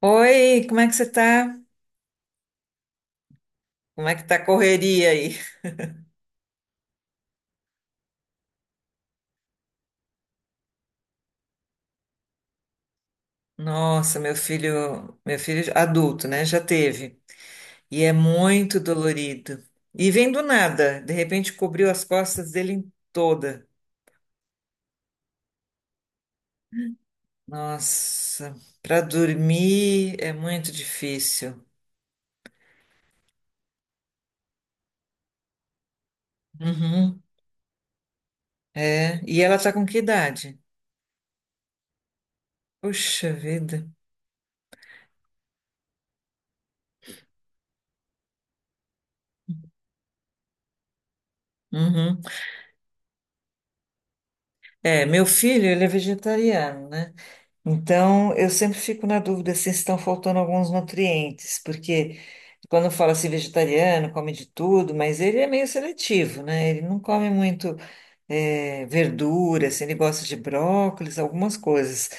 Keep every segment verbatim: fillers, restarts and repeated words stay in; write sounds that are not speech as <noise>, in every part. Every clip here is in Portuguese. Oi, como é que você tá? Como é que tá a correria aí? Nossa, meu filho, meu filho adulto, né? Já teve. E é muito dolorido. E vem do nada, de repente cobriu as costas dele em toda. Nossa, para dormir é muito difícil. Uhum, é. E ela tá com que idade? Puxa vida. Uhum. É, meu filho, ele é vegetariano, né? Então, eu sempre fico na dúvida se estão faltando alguns nutrientes, porque quando fala assim vegetariano, come de tudo, mas ele é meio seletivo, né? Ele não come muito eh, verdura, assim, ele gosta de brócolis, algumas coisas.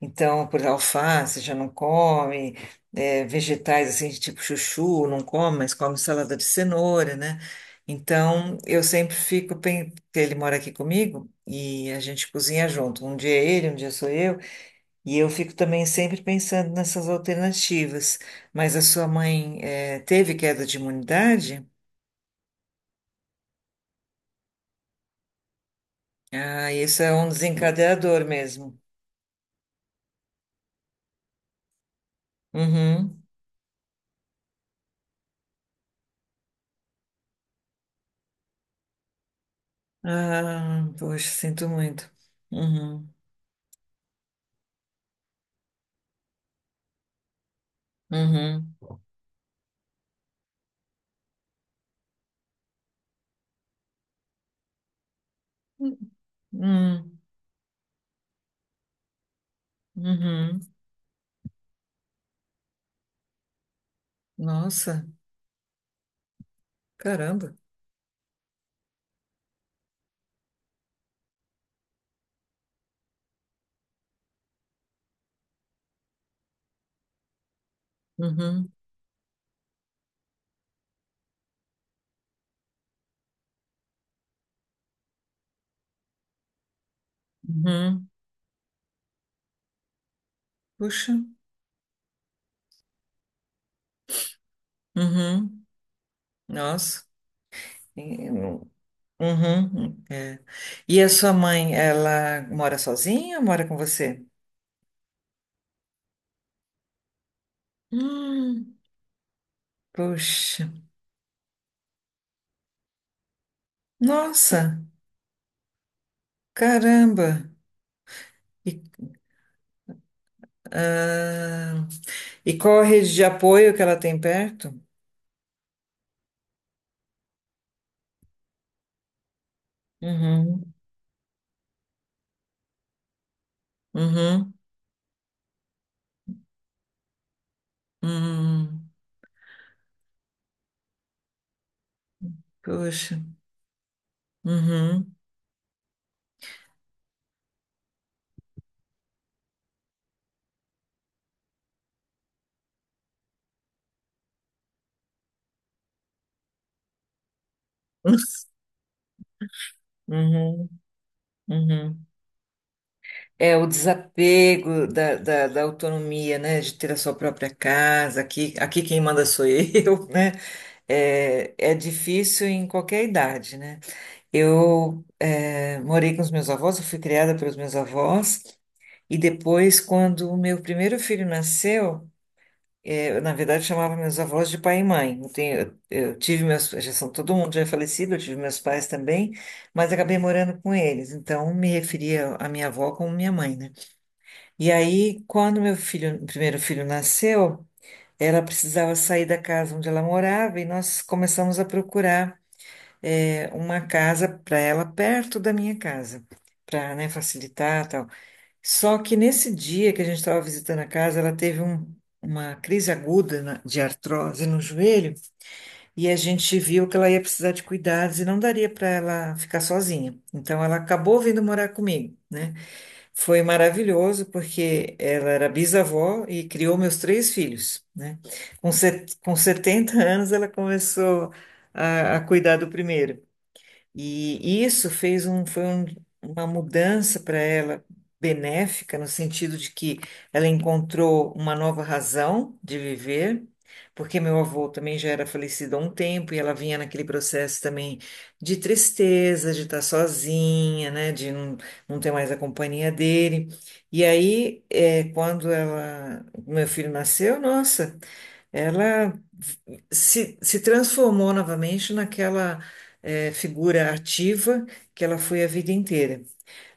Então, por exemplo, alface já não come, eh, vegetais assim, de tipo chuchu, não come, mas come salada de cenoura, né? Então, eu sempre fico, pen- porque ele mora aqui comigo e a gente cozinha junto. Um dia é ele, um dia sou eu. E eu fico também sempre pensando nessas alternativas. Mas a sua mãe, eh, teve queda de imunidade? Ah, isso é um desencadeador mesmo. Uhum. Ah, poxa, sinto muito. Uhum. Uhum. Hum, uhum. Nossa, caramba. Uhum. Uhum. Puxa. Uhum. Nossa. E- Uhum. É. E a sua mãe, ela mora sozinha ou mora com você? Hum. Poxa, nossa, caramba! E, ah, e qual a rede de apoio que ela tem perto? Uhum, uhum, uhum. Poxa, uhum, uhum, uhum. É o desapego da, da, da autonomia, né? De ter a sua própria casa, aqui, aqui quem manda sou <laughs> eu, né? É, é difícil em qualquer idade, né? Eu eh, morei com os meus avós, eu fui criada pelos meus avós. E depois, quando o meu primeiro filho nasceu, eh, eu, na verdade, chamava meus avós de pai e mãe. Eu, tenho- eu tive meus, já são todo mundo já é falecido, eu tive meus pais também, mas acabei morando com eles. Então, me referia à minha avó como minha mãe, né? E aí, quando meu filho, primeiro filho nasceu, ela precisava sair da casa onde ela morava e nós começamos a procurar, eh, uma casa para ela perto da minha casa, para, facilitar, tal. Só que nesse dia que a gente estava visitando a casa, ela teve um- uma crise aguda na- de artrose no joelho e a gente viu que ela ia precisar de cuidados e não daria para ela ficar sozinha. Então ela acabou vindo morar comigo, né? Foi maravilhoso porque ela era bisavó e criou meus três filhos, né? Com, set- com setenta anos ela começou a a cuidar do primeiro. E isso fez um, foi um- uma mudança para ela benéfica, no sentido de que ela encontrou uma nova razão de viver, porque meu avô também já era falecido há um tempo e ela vinha naquele processo também de tristeza, de estar sozinha, né, de não, não ter mais a companhia dele. E aí, é, quando ela, meu filho nasceu, nossa. Ela se, se transformou novamente naquela eh, figura ativa que ela foi a vida inteira.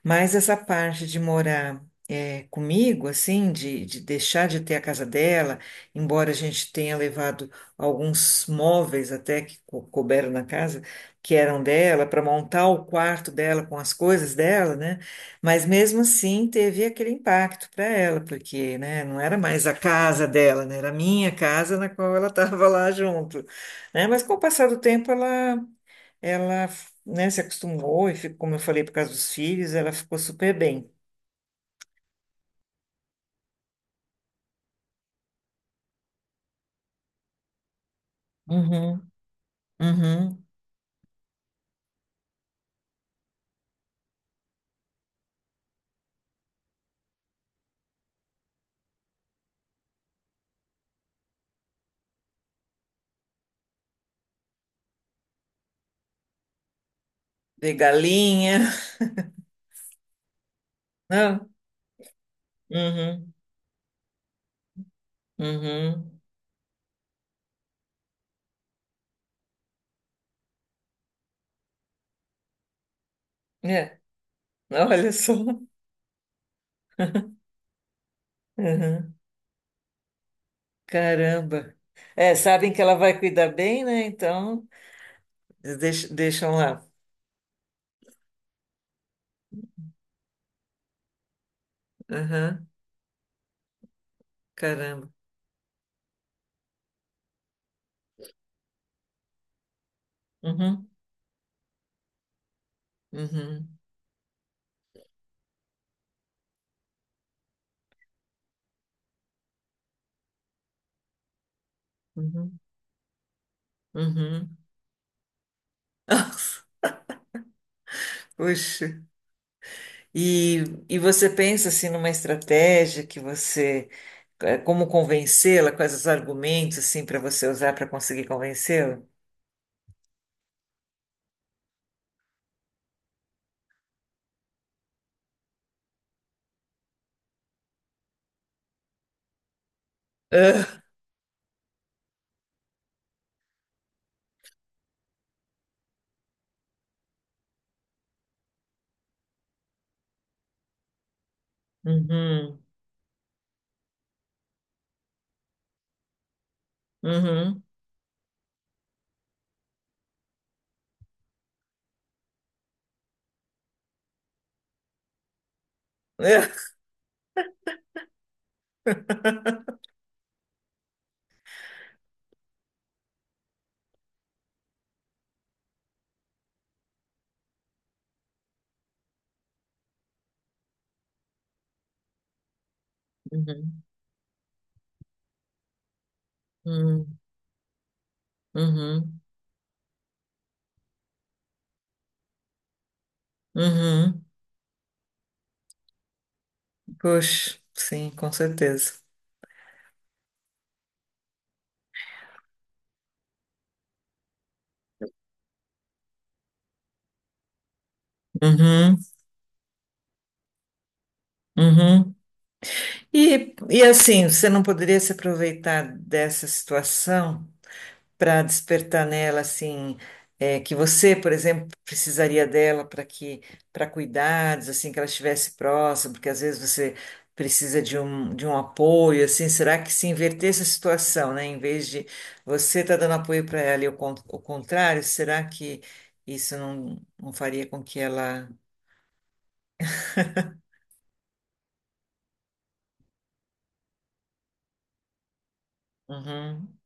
Mas essa parte de morar eh, comigo, assim, de, de deixar de ter a casa dela, embora a gente tenha levado alguns móveis até que co- couberam na casa, que eram dela, para montar o quarto dela com as coisas dela, né? Mas mesmo assim teve aquele impacto para ela, porque, né, não era mais a casa dela, né, era a minha casa na qual ela estava <laughs> lá junto, né? Mas com o passar do tempo ela ela, né, se acostumou e ficou, como eu falei, por causa dos filhos, ela ficou super bem. Uhum, uhum. Ver galinha, <laughs> não? Uhum, uhum. É, olha só. Uhum. Caramba. É, sabem que ela vai cuidar bem, né? Então, deixa- deixam lá. Uhum. Caramba. Uhum, uhum, uhum, uhum. Puxa. E, e você pensa assim numa estratégia que você, eh, como convencê-la, quais os argumentos assim para você usar para conseguir convencê-la? Ah, uhum, uhum, <laughs> ah, uhum, uhum, uhum, uhum. Puxa, sim, com certeza. Uhum, uhum. E, e assim, você não poderia se aproveitar dessa situação? Para despertar nela assim é, que você, por exemplo, precisaria dela para que para cuidados assim que ela estivesse próxima, porque às vezes você precisa de um, de um apoio assim. Será que se invertesse a situação, né? Em vez de você estar dando apoio para ela e o, con- o contrário, será que isso não, não faria com que ela. Uhum.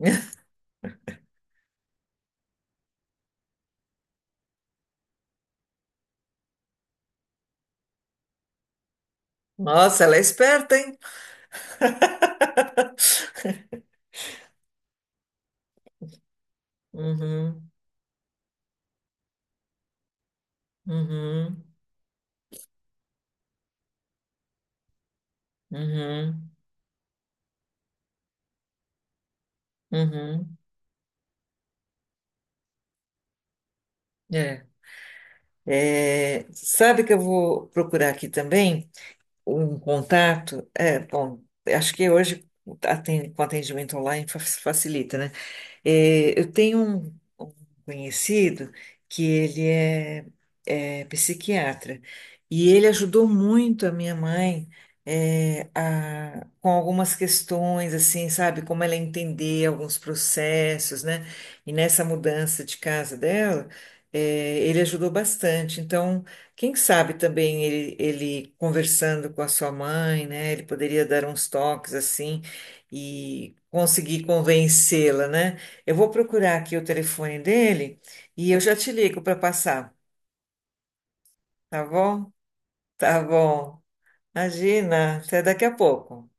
<laughs> Nossa, ela é esperta, hein? <laughs> Uhum, uhum, uhum, uhum. É. É, sabe que eu vou procurar aqui também um contato? É, bom, acho que hoje aten- com atendimento online fa- facilita, né? É, eu tenho um, um conhecido que ele é, é psiquiatra e ele ajudou muito a minha mãe é, a- com algumas questões, assim, sabe, como ela entender alguns processos, né? E nessa mudança de casa dela, é, ele ajudou bastante. Então, quem sabe também ele, ele conversando com a sua mãe, né? Ele poderia dar uns toques assim e conseguir convencê-la, né? Eu vou procurar aqui o telefone dele e eu já te ligo para passar, tá bom? Tá bom. Imagina, até daqui a pouco.